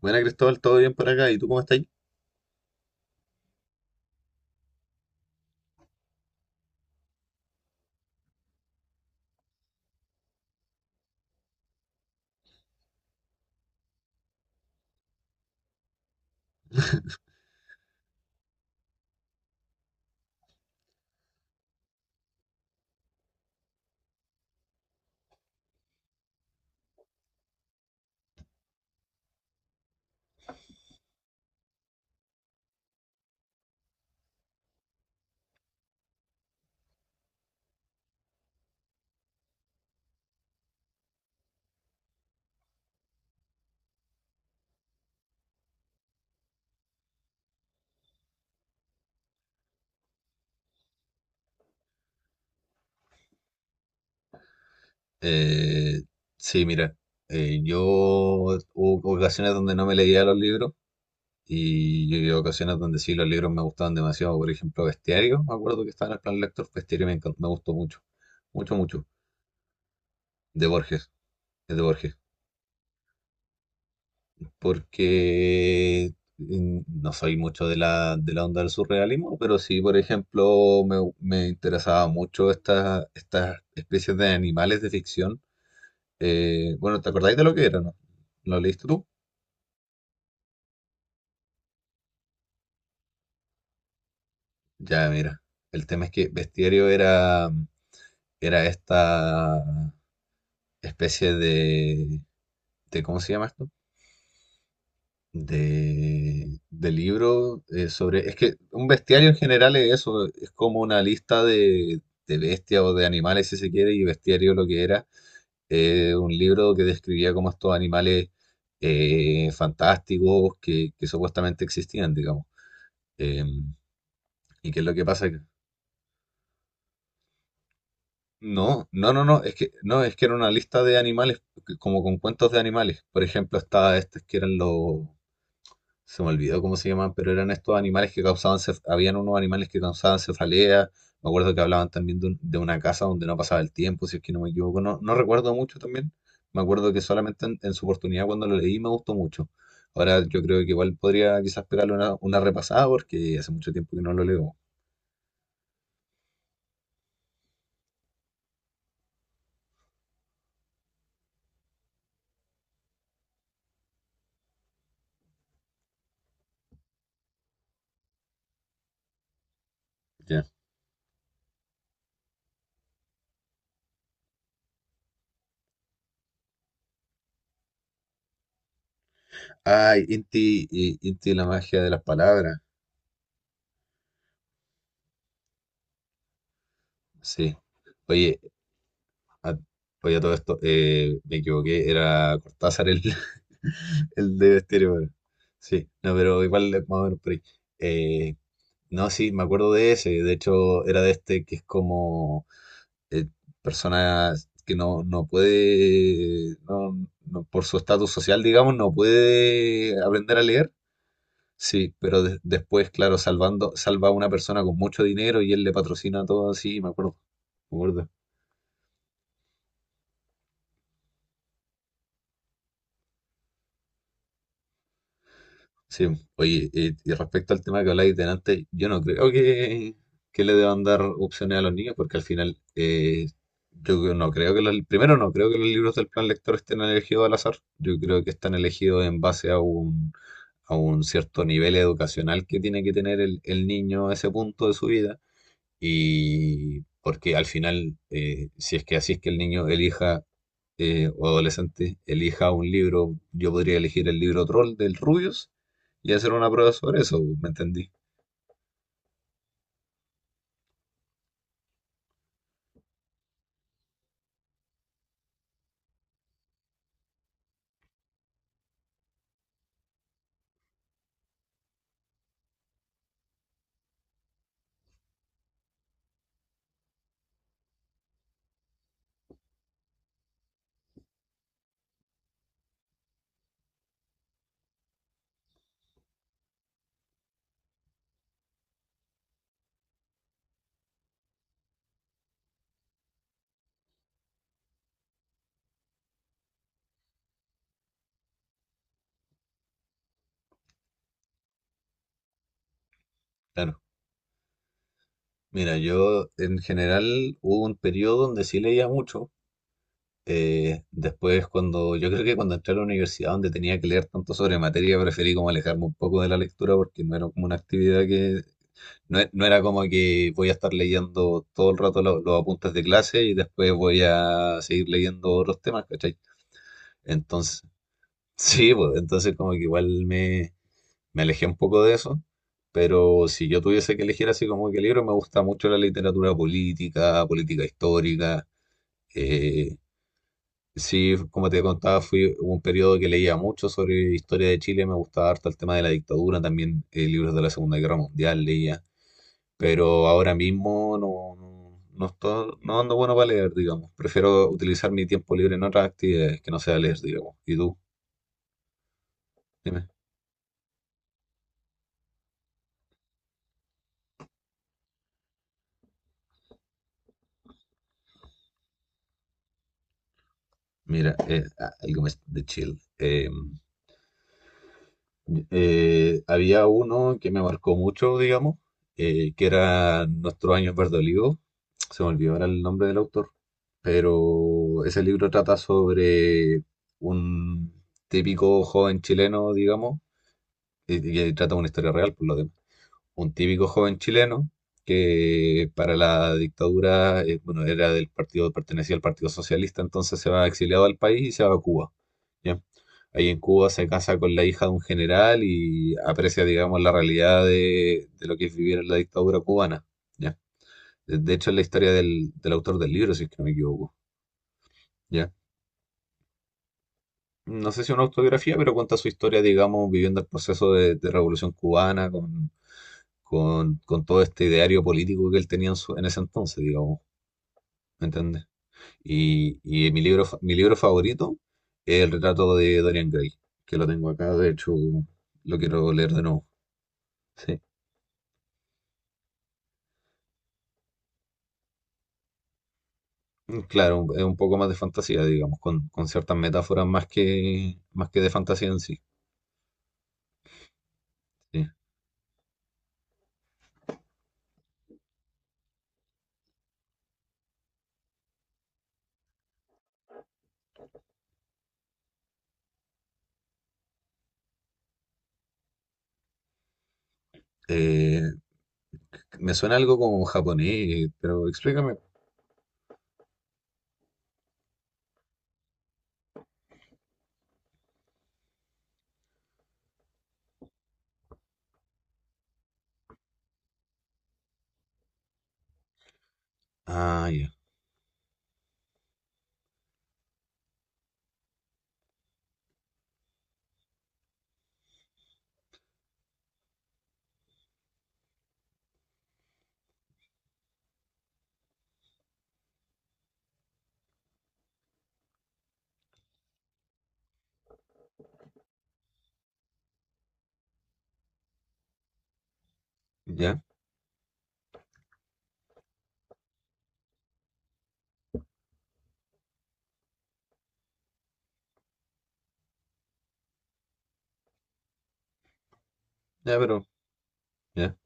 Buena Cristóbal, ¿todo bien por acá? ¿Y tú cómo estás? Eh, sí, mira, yo hubo ocasiones donde no me leía los libros y yo hubo ocasiones donde sí los libros me gustaban demasiado. Por ejemplo, Bestiario, me acuerdo que estaba en el plan lector, Bestiario me encantó, me gustó mucho, mucho, mucho, de Borges, es de Borges, porque no soy mucho de la onda del surrealismo, pero sí, por ejemplo, me interesaba mucho estas especies de animales de ficción. Bueno, ¿te acordáis de lo que era, no? ¿Lo leíste tú? Ya, mira. El tema es que Bestiario era esta especie de, ¿cómo se llama esto? De libro, sobre... Es que un bestiario en general es eso, es como una lista de bestias o de animales, si se quiere, y Bestiario lo que era, un libro que describía como estos animales fantásticos que supuestamente existían, digamos. Em, ¿Y qué es lo que pasa? No, no, no, no, es que, no, es que era una lista de animales, como con cuentos de animales. Por ejemplo, estaba estos que eran los, se me olvidó cómo se llamaban, pero eran estos animales que causaban, habían unos animales que causaban cefalea. Me acuerdo que hablaban también de, de una casa donde no pasaba el tiempo, si es que no me equivoco. No, no recuerdo mucho también. Me acuerdo que solamente en su oportunidad cuando lo leí me gustó mucho. Ahora yo creo que igual podría quizás pegarle una repasada porque hace mucho tiempo que no lo leo. Ya. Ay, Inti, Inti y la magia de las palabras. Sí. Oye, a, oye, a todo esto, me equivoqué, era Cortázar el, el de Estéreo. Bueno. Sí, no, pero igual es más o menos por ahí. Eh, no, sí, me acuerdo de ese. De hecho, era de este que es como eh, personas que no puede, por su estatus social, digamos, no puede aprender a leer. Sí, pero después, claro, salva a una persona con mucho dinero y él le patrocina todo así, me acuerdo. Me acuerdo. Sí, oye, y respecto al tema que habláis de antes, yo no creo que le deban dar opciones a los niños, porque al final, yo no creo que los, primero no creo que los libros del plan lector estén elegidos al azar, yo creo que están elegidos en base a a un cierto nivel educacional que tiene que tener el niño a ese punto de su vida. Y porque al final, si es que así es que el niño elija, o adolescente, elija un libro, yo podría elegir el libro Troll del Rubius y hacer una prueba sobre eso, ¿me entendí? Claro. Mira, yo en general hubo un periodo donde sí leía mucho. Yo creo que cuando entré a la universidad donde tenía que leer tanto sobre materia, preferí como alejarme un poco de la lectura porque no era como una actividad que... No, no era como que voy a estar leyendo todo el rato los apuntes de clase y después voy a seguir leyendo otros temas, ¿cachai? Entonces, sí, pues entonces como que igual me alejé un poco de eso, pero si yo tuviese que elegir así como que libro, me gusta mucho la literatura política, política histórica. eh, sí, como te contaba, fui hubo un periodo que leía mucho sobre historia de Chile, me gustaba harto el tema de la dictadura, también libros de la Segunda Guerra Mundial leía. Pero ahora mismo no, no, no ando bueno para leer, digamos. Prefiero utilizar mi tiempo libre en otras actividades que no sea leer, digamos. ¿Y tú? Dime. Mira, algo más de chill. Había uno que me marcó mucho, digamos, que era Nuestros años verde. Se me olvidó ahora el nombre del autor, pero ese libro trata sobre un típico joven chileno, digamos, y trata una historia real, por lo demás un típico joven chileno que para la dictadura, bueno, era del partido, pertenecía al Partido Socialista, entonces se va exiliado al país y se va a Cuba, ¿ya? Ahí en Cuba se casa con la hija de un general y aprecia, digamos, la realidad de lo que es vivir en la dictadura cubana, ¿ya? De hecho, es la historia del, del autor del libro, si es que no me equivoco, ¿ya? No sé si es una autobiografía, pero cuenta su historia, digamos, viviendo el proceso de revolución cubana con todo este ideario político que él tenía en, en ese entonces, digamos, ¿me entiendes? Y mi libro, mi libro favorito es El retrato de Dorian Gray, que lo tengo acá, de hecho lo quiero leer de nuevo. Sí. Claro, es un poco más de fantasía, digamos, con ciertas metáforas más que de fantasía en sí. Sí. Eh, me suena algo como japonés, pero explícame. Ah, ya, ya, ya, pero, ya,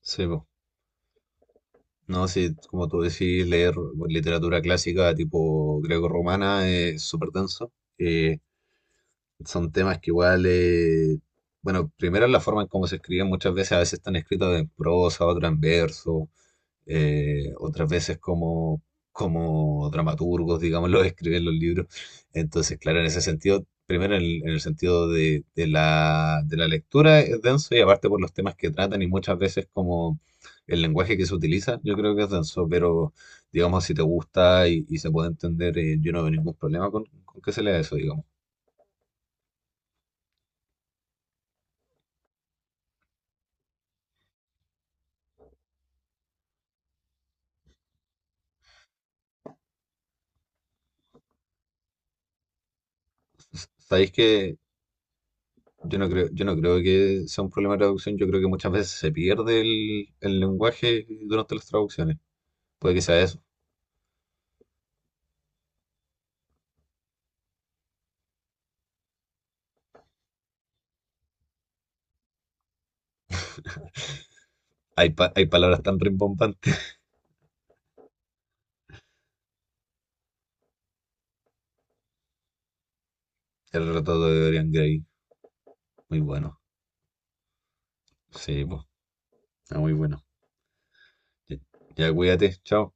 sí, po. No, sí, como tú decís, leer literatura clásica tipo greco-romana es súper denso. Eh, son temas que igual, bueno, primero la forma en cómo se escriben muchas veces, a veces están escritos en prosa, otras en verso, eh, otras veces como, como dramaturgos, digamos, los escriben los libros. Entonces, claro, en ese sentido, primero en el sentido de, de la lectura es denso y aparte por los temas que tratan y muchas veces como el lenguaje que se utiliza, yo creo que es denso, pero digamos, si te gusta y se puede entender, yo no veo ningún problema con que se lea eso, digamos. Sabéis que yo no creo que sea un problema de traducción, yo creo que muchas veces se pierde el lenguaje durante las traducciones. Puede que sea eso. Hay palabras tan rimbombantes. El retrato de Dorian Gray. Muy bueno. Sí, pues. Está muy bueno. Ya, ya, cuídate. Chao.